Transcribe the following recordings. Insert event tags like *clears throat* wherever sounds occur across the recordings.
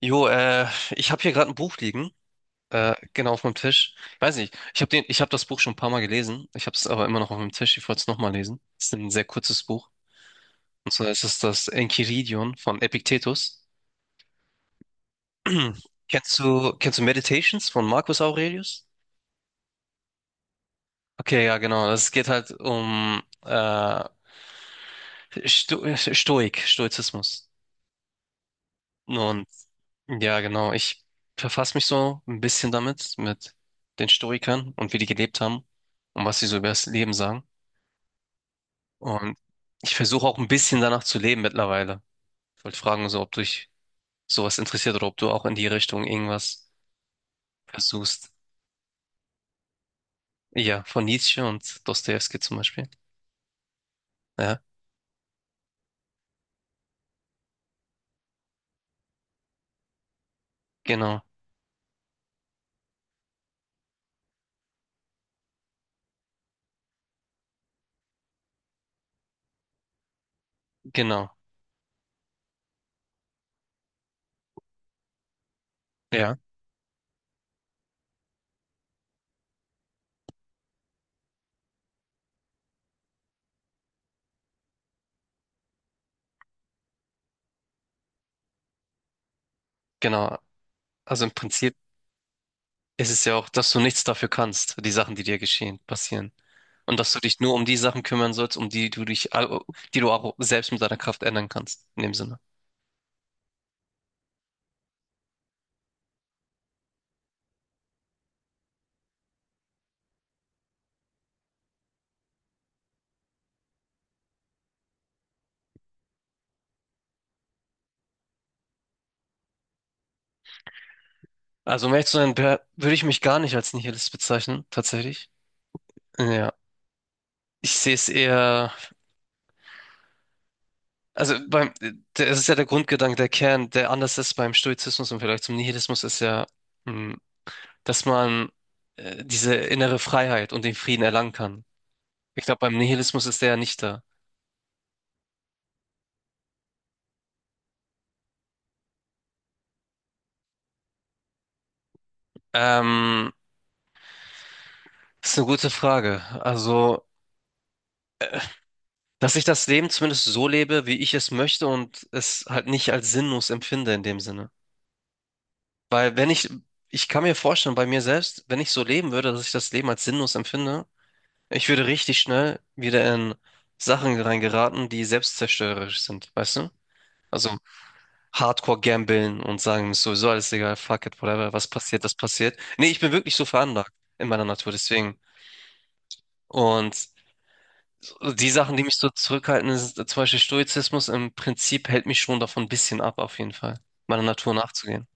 Jo, ich habe hier gerade ein Buch liegen, genau auf meinem Tisch. Ich weiß nicht, ich habe das Buch schon ein paar Mal gelesen. Ich habe es aber immer noch auf meinem Tisch. Ich wollte es nochmal lesen. Es ist ein sehr kurzes Buch. Und zwar ist es das Enchiridion von Epiktetus. *clears throat* Kennst du Meditations von Marcus Aurelius? Okay, ja, genau. Es geht halt um Stoizismus. Und ja, genau, ich verfasse mich so ein bisschen damit, mit den Stoikern und wie die gelebt haben und was sie so über das Leben sagen. Und ich versuche auch ein bisschen danach zu leben mittlerweile. Ich wollte fragen, so, ob dich sowas interessiert oder ob du auch in die Richtung irgendwas versuchst. Ja, von Nietzsche und Dostojewski zum Beispiel. Ja, genau, genau, ja, genau. Also im Prinzip. Es ist ja auch, dass du nichts dafür kannst, die Sachen, die dir geschehen, passieren. Und dass du dich nur um die Sachen kümmern sollst, um die die du auch selbst mit deiner Kraft ändern kannst, in dem Sinne. Also, um ehrlich zu sein, würde ich mich gar nicht als Nihilist bezeichnen, tatsächlich. Ja. Ich sehe es eher, also beim, es ist ja der Grundgedanke, der Kern, der anders ist beim Stoizismus und vielleicht zum Nihilismus, ist ja, mh, dass man diese innere Freiheit und den Frieden erlangen kann. Ich glaube, beim Nihilismus ist der ja nicht da. Ähm, Das ist eine gute Frage. Also, dass ich das Leben zumindest so lebe, wie ich es möchte und es halt nicht als sinnlos empfinde in dem Sinne. Weil wenn ich, ich kann mir vorstellen, bei mir selbst, wenn ich so leben würde, dass ich das Leben als sinnlos empfinde, ich würde richtig schnell wieder in Sachen reingeraten, die selbstzerstörerisch sind, weißt du? Also Hardcore gambeln und sagen, ist sowieso alles egal, fuck it, whatever, was passiert, das passiert. Nee, ich bin wirklich so veranlagt in meiner Natur, deswegen. Und die Sachen, die mich so zurückhalten, ist zum Beispiel Stoizismus im Prinzip hält mich schon davon ein bisschen ab, auf jeden Fall, meiner Natur nachzugehen.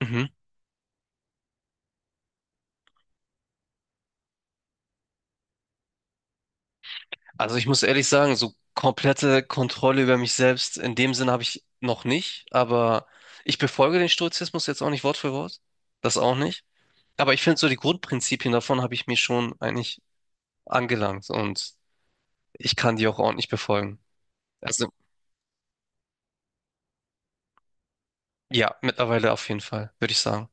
Mhm. Also ich muss ehrlich sagen, so komplette Kontrolle über mich selbst, in dem Sinne habe ich noch nicht, aber ich befolge den Stoizismus jetzt auch nicht Wort für Wort. Das auch nicht. Aber ich finde so die Grundprinzipien davon habe ich mir schon eigentlich angelangt und ich kann die auch ordentlich befolgen. Also ja, mittlerweile auf jeden Fall, würde ich sagen.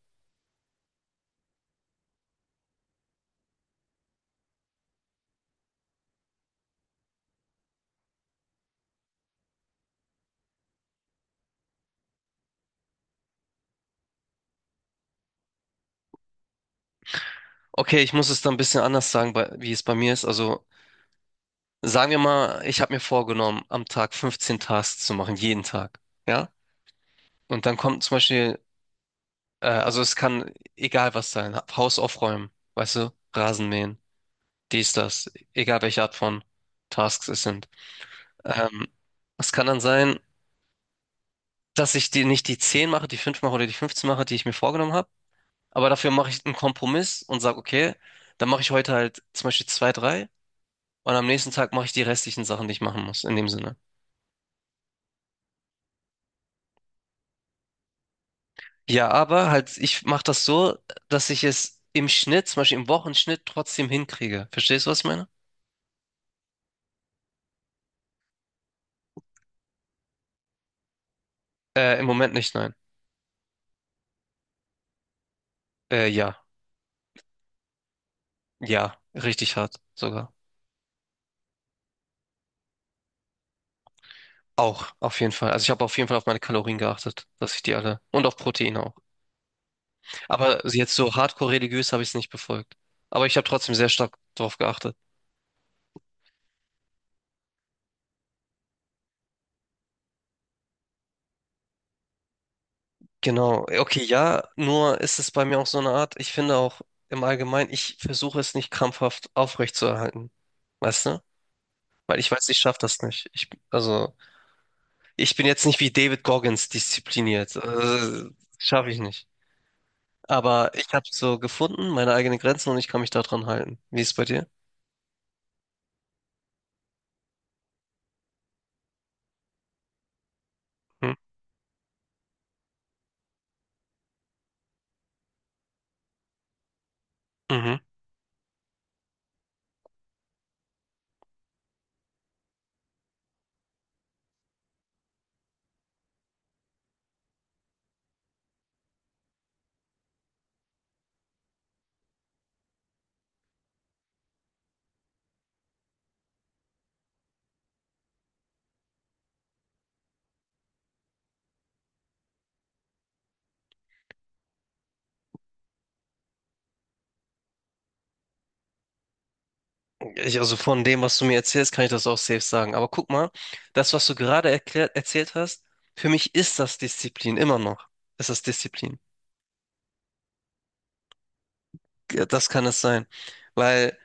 Okay, ich muss es dann ein bisschen anders sagen, wie es bei mir ist. Also sagen wir mal, ich habe mir vorgenommen, am Tag 15 Tasks zu machen, jeden Tag. Ja? Und dann kommt zum Beispiel, also es kann egal was sein, Haus aufräumen, weißt du, Rasen mähen, dies, das, egal welche Art von Tasks es sind. Ähm, es kann dann sein, dass ich die nicht die 10 mache, die 5 mache oder die 15 mache, die ich mir vorgenommen habe, aber dafür mache ich einen Kompromiss und sage, okay, dann mache ich heute halt zum Beispiel 2, 3 und am nächsten Tag mache ich die restlichen Sachen, die ich machen muss, in dem Sinne. Ja, aber halt, ich mache das so, dass ich es im Schnitt, zum Beispiel im Wochenschnitt, trotzdem hinkriege. Verstehst du, was ich meine? Im Moment nicht, nein. Ja, ja, richtig hart sogar. Auch, auf jeden Fall. Also ich habe auf jeden Fall auf meine Kalorien geachtet, dass ich die alle und auf Proteine auch. Aber jetzt so hardcore religiös habe ich es nicht befolgt. Aber ich habe trotzdem sehr stark darauf geachtet. Genau. Okay, ja, nur ist es bei mir auch so eine Art, ich finde auch im Allgemeinen, ich versuche es nicht krampfhaft aufrechtzuerhalten. Weißt du? Weil ich weiß, ich schaffe das nicht. Ich, also, ich bin jetzt nicht wie David Goggins diszipliniert. Also, schaffe ich nicht. Aber ich habe so gefunden, meine eigenen Grenzen und ich kann mich daran halten. Wie ist es bei dir? Hm? Mhm. Ich, also von dem, was du mir erzählst, kann ich das auch safe sagen. Aber guck mal, das, was du gerade erklärt, erzählt hast, für mich ist das Disziplin immer noch. Ist das Disziplin? Ja, das kann es sein. Weil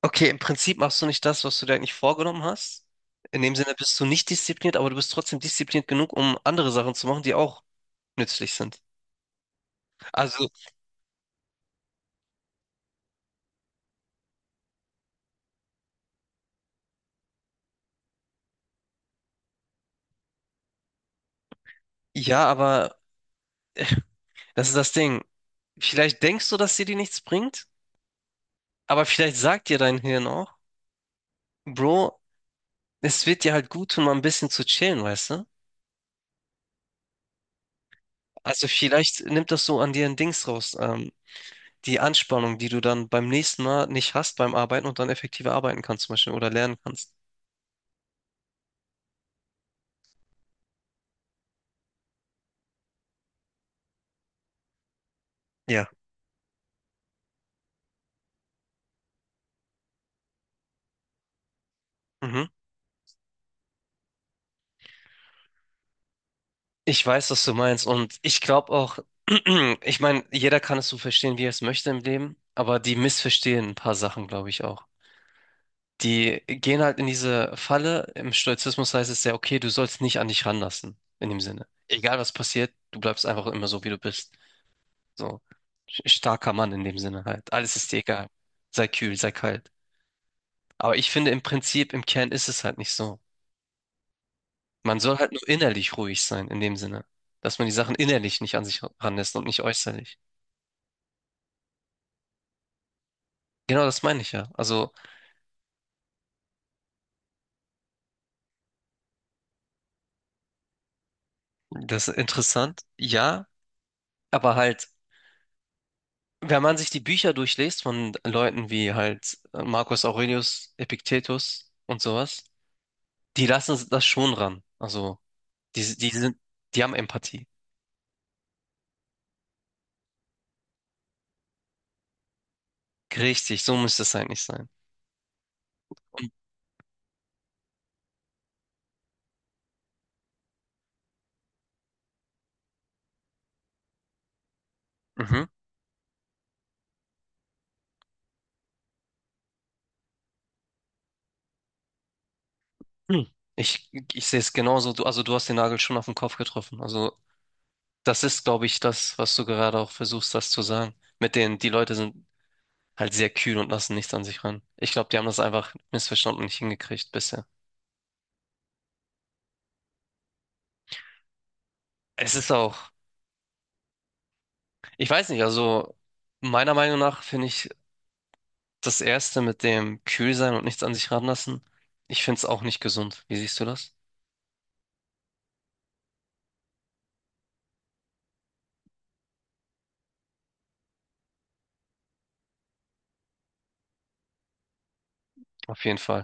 okay, im Prinzip machst du nicht das, was du dir eigentlich vorgenommen hast. In dem Sinne bist du nicht diszipliniert, aber du bist trotzdem diszipliniert genug, um andere Sachen zu machen, die auch nützlich sind. Also, ja, aber das ist das Ding. Vielleicht denkst du, dass dir die nichts bringt, aber vielleicht sagt dir dein Hirn auch, Bro, es wird dir halt gut tun, mal ein bisschen zu chillen, weißt du? Also vielleicht nimmt das so an dir ein Dings raus, die Anspannung, die du dann beim nächsten Mal nicht hast beim Arbeiten und dann effektiver arbeiten kannst zum Beispiel oder lernen kannst. Ja. Mhm. Ich weiß, was du meinst und ich glaube auch, *clears throat* ich meine, jeder kann es so verstehen, wie er es möchte im Leben, aber die missverstehen ein paar Sachen, glaube ich auch. Die gehen halt in diese Falle. Im Stoizismus heißt es ja, okay, du sollst nicht an dich ranlassen, in dem Sinne. Egal was passiert, du bleibst einfach immer so, wie du bist. So starker Mann in dem Sinne halt. Alles ist dir egal. Sei kühl, sei kalt. Aber ich finde im Prinzip, im Kern ist es halt nicht so. Man soll halt nur innerlich ruhig sein, in dem Sinne, dass man die Sachen innerlich nicht an sich ranlässt und nicht äußerlich. Genau, das meine ich ja. Also, das ist interessant, ja, aber halt, wenn man sich die Bücher durchliest von Leuten wie halt Marcus Aurelius, Epiktetus und sowas, die lassen das schon ran. Also, die sind, die haben Empathie. Richtig, so müsste es eigentlich sein. Und, mhm. Hm. Ich sehe es genauso. Du, also, du hast den Nagel schon auf den Kopf getroffen. Also, das ist, glaube ich, das, was du gerade auch versuchst, das zu sagen. Mit denen, die Leute sind halt sehr kühl und lassen nichts an sich ran. Ich glaube, die haben das einfach missverstanden und nicht hingekriegt bisher. Es ist auch, ich weiß nicht, also meiner Meinung nach finde ich das Erste mit dem kühl sein und nichts an sich ranlassen, ich finde es auch nicht gesund. Wie siehst du das? Auf jeden Fall.